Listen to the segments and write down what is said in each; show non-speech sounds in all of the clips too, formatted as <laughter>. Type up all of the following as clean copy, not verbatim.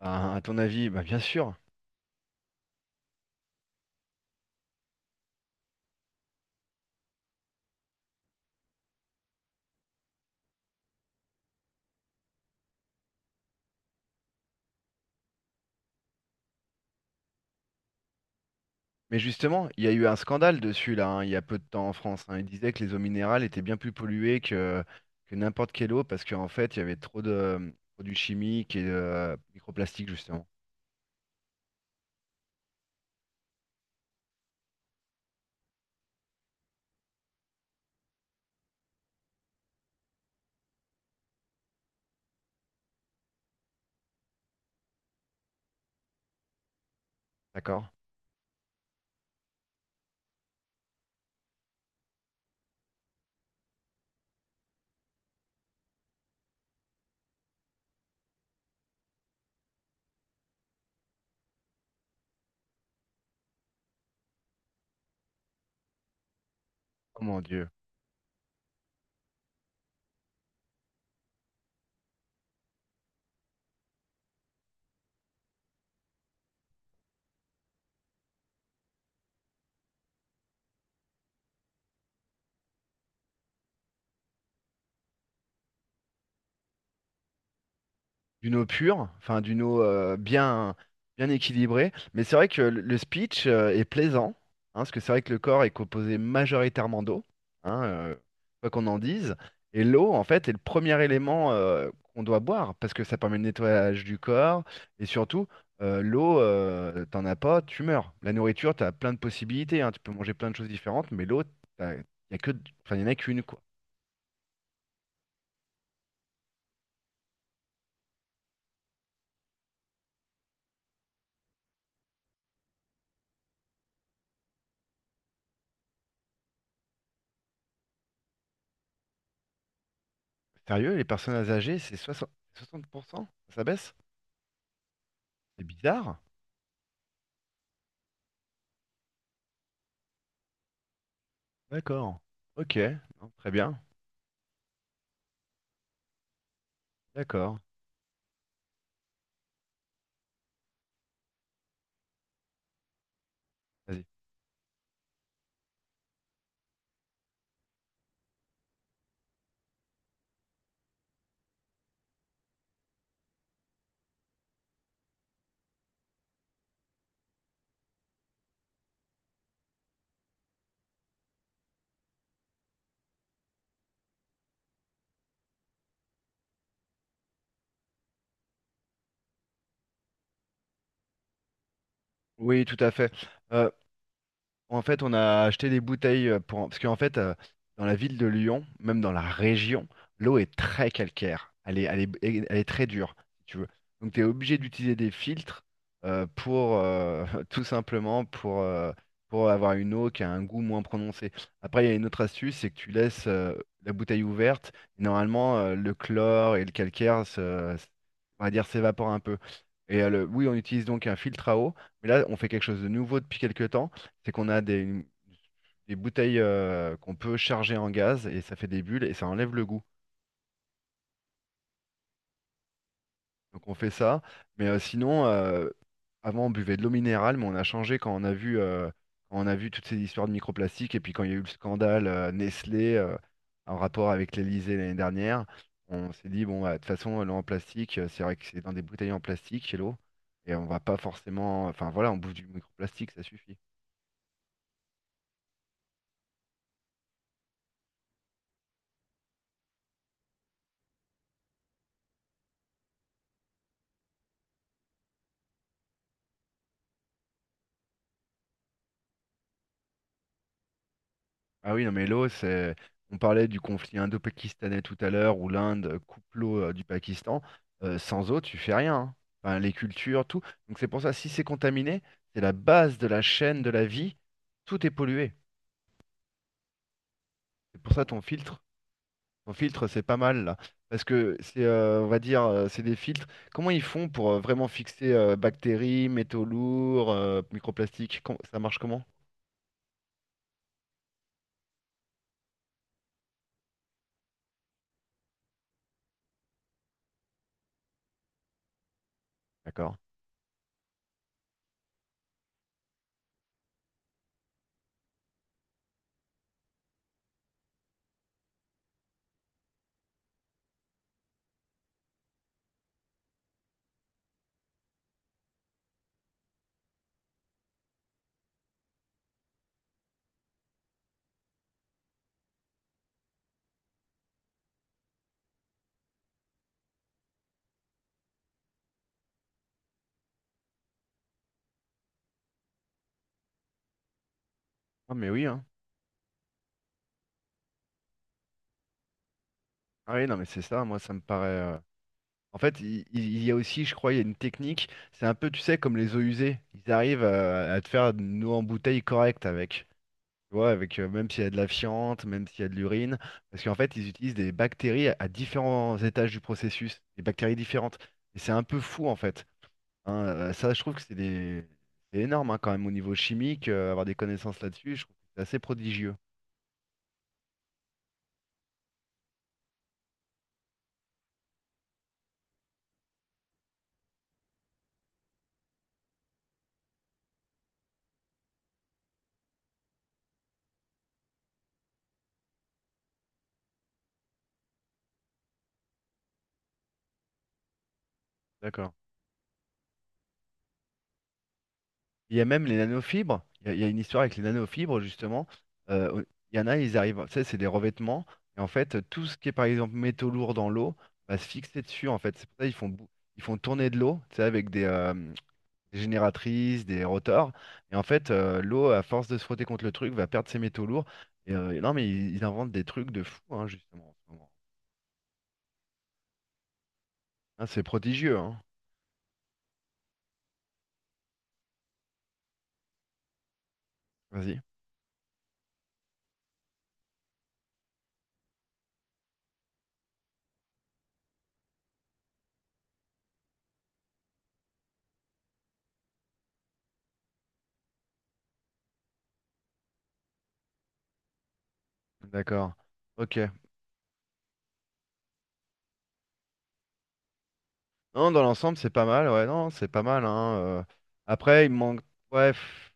Bah, à ton avis, bah, bien sûr. Mais justement, il y a eu un scandale dessus là, hein, il y a peu de temps en France, hein. Il disait que les eaux minérales étaient bien plus polluées que n'importe quelle eau parce qu'en fait, il y avait trop de produits chimiques et de microplastiques justement. D'accord? Oh mon Dieu. D'une eau pure, enfin d'une eau bien, bien équilibrée. Mais c'est vrai que le speech est plaisant, hein, parce que c'est vrai que le corps est composé majoritairement d'eau, hein, quoi qu'on en dise. Et l'eau, en fait, est le premier élément qu'on doit boire, parce que ça permet le nettoyage du corps. Et surtout, l'eau, t'en as pas, tu meurs. La nourriture, t'as plein de possibilités, hein, tu peux manger plein de choses différentes, mais l'eau, t'as- y a que, enfin, y en a qu'une, quoi. Sérieux, les personnes âgées, c'est 60, 60%? Ça baisse? C'est bizarre. D'accord. Ok. Non, très bien. D'accord. Vas-y. Oui, tout à fait. Euh, En fait, on a acheté des bouteilles pour... Parce qu'en fait, dans la ville de Lyon, même dans la région, l'eau est très calcaire. Elle est, elle est, elle est très dure, si tu veux. Donc, tu es obligé d'utiliser des filtres pour, <laughs> tout simplement, pour avoir une eau qui a un goût moins prononcé. Après, il y a une autre astuce, c'est que tu laisses la bouteille ouverte. Et normalement, le chlore et le calcaire, on va dire, s'évapore un peu. Et oui, on utilise donc un filtre à eau. Mais là, on fait quelque chose de nouveau depuis quelques temps, c'est qu'on a des bouteilles qu'on peut charger en gaz et ça fait des bulles et ça enlève le goût. Donc on fait ça. Mais sinon, avant on buvait de l'eau minérale, mais on a changé quand on a vu, quand on a vu toutes ces histoires de microplastiques et puis quand il y a eu le scandale Nestlé en rapport avec l'Elysée l'année dernière. On s'est dit bon bah, de toute façon l'eau en plastique, c'est vrai que c'est dans des bouteilles en plastique l'eau, et on va pas forcément, enfin voilà, on bouffe du microplastique, ça suffit. Ah oui, non, mais l'eau, c'est. On parlait du conflit indo-pakistanais tout à l'heure, où l'Inde coupe l'eau du Pakistan. Sans eau, tu fais rien, hein. Enfin, les cultures, tout. Donc c'est pour ça, si c'est contaminé, c'est la base de la chaîne de la vie. Tout est pollué. C'est pour ça ton filtre. Ton filtre, c'est pas mal là. Parce que c'est, on va dire, c'est des filtres. Comment ils font pour vraiment fixer bactéries, métaux lourds, microplastiques? Ça marche comment? D'accord. Ah mais oui, hein. Ah oui, non, mais c'est ça, moi ça me paraît, en fait, y a aussi, je crois, il y a une technique. C'est un peu, tu sais, comme les eaux usées. Ils arrivent à te faire une eau en bouteille correcte avec. Tu vois, avec même s'il y a de la fiente, même s'il y a de l'urine. Parce qu'en fait, ils utilisent des bactéries à différents étages du processus, des bactéries différentes. Et c'est un peu fou, en fait. Hein, ça, je trouve que c'est des... c'est énorme, hein, quand même, au niveau chimique, avoir des connaissances là-dessus, je trouve que c'est assez prodigieux. D'accord. Il y a même les nanofibres. Il y a une histoire avec les nanofibres, justement. Euh, il y en a, ils arrivent. Ça, c'est des revêtements. Et en fait, tout ce qui est, par exemple, métaux lourds dans l'eau va se fixer dessus. En fait, c'est pour ça qu'ils font, ils font tourner de l'eau, tu sais, avec des génératrices, des rotors. Et en fait, l'eau, à force de se frotter contre le truc, va perdre ses métaux lourds. Et non, mais ils inventent des trucs de fou, hein, justement, en ce moment. Hein, c'est prodigieux, hein. Vas-y. D'accord. Ok. Non, dans l'ensemble, c'est pas mal. Ouais, non, c'est pas mal, hein. Après, il me manque. Ouais, pff,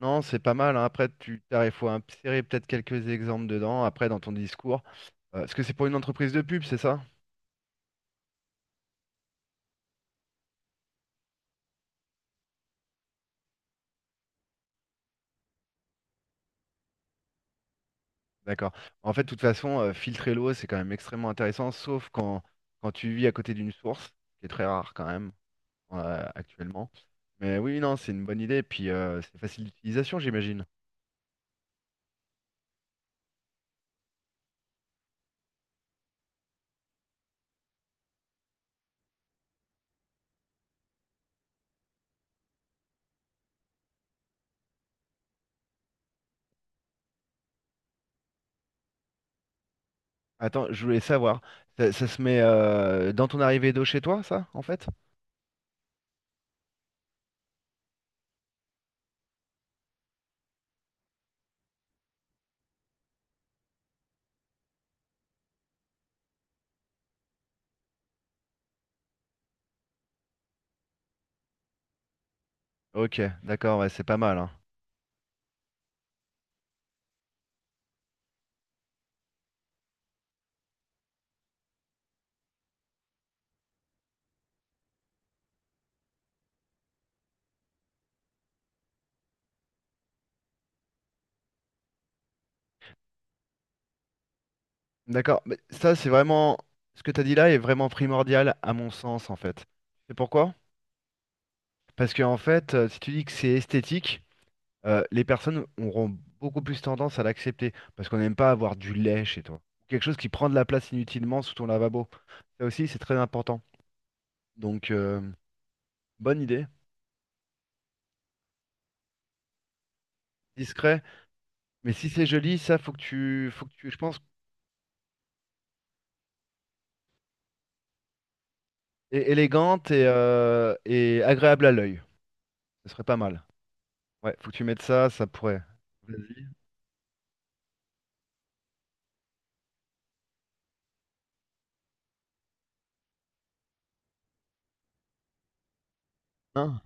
non, c'est pas mal, hein. Après, il faut insérer peut-être quelques exemples dedans, après, dans ton discours. Parce que c'est pour une entreprise de pub, c'est ça? D'accord. En fait, de toute façon, filtrer l'eau, c'est quand même extrêmement intéressant, sauf quand, quand tu vis à côté d'une source, ce qui est très rare quand même, actuellement. Mais oui, non, c'est une bonne idée. Puis, c'est facile d'utilisation, j'imagine. Attends, je voulais savoir, ça se met dans ton arrivée d'eau chez toi, ça, en fait? Ok, d'accord, ouais, c'est pas mal, hein. D'accord, mais ça c'est vraiment, ce que tu as dit là est vraiment primordial à mon sens en fait. C'est pourquoi? Parce que en fait, si tu dis que c'est esthétique, les personnes auront beaucoup plus tendance à l'accepter parce qu'on n'aime pas avoir du lait chez toi, quelque chose qui prend de la place inutilement sous ton lavabo. Ça aussi, c'est très important. Donc bonne idée, discret, mais si c'est joli, ça faut que tu, je pense, élégante et agréable à l'œil. Ce serait pas mal. Ouais, faut que tu mettes ça, ça pourrait. Vas-y. Un,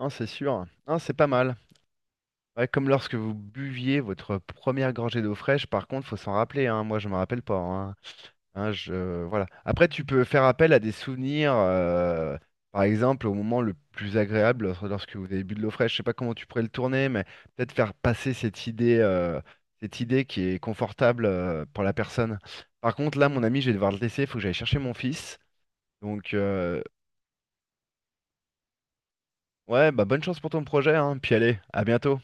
un, c'est sûr. Un, c'est pas mal. Ouais, comme lorsque vous buviez votre première gorgée d'eau fraîche, par contre, faut s'en rappeler, hein. Moi, je me rappelle pas, hein. Hein, je... Voilà. Après, tu peux faire appel à des souvenirs, par exemple, au moment le plus agréable, lorsque vous avez bu de l'eau fraîche. Je sais pas comment tu pourrais le tourner, mais peut-être faire passer cette idée qui est confortable, pour la personne. Par contre, là, mon ami, je vais devoir le laisser, il faut que j'aille chercher mon fils. Donc, ouais, bah bonne chance pour ton projet, hein. Puis allez, à bientôt.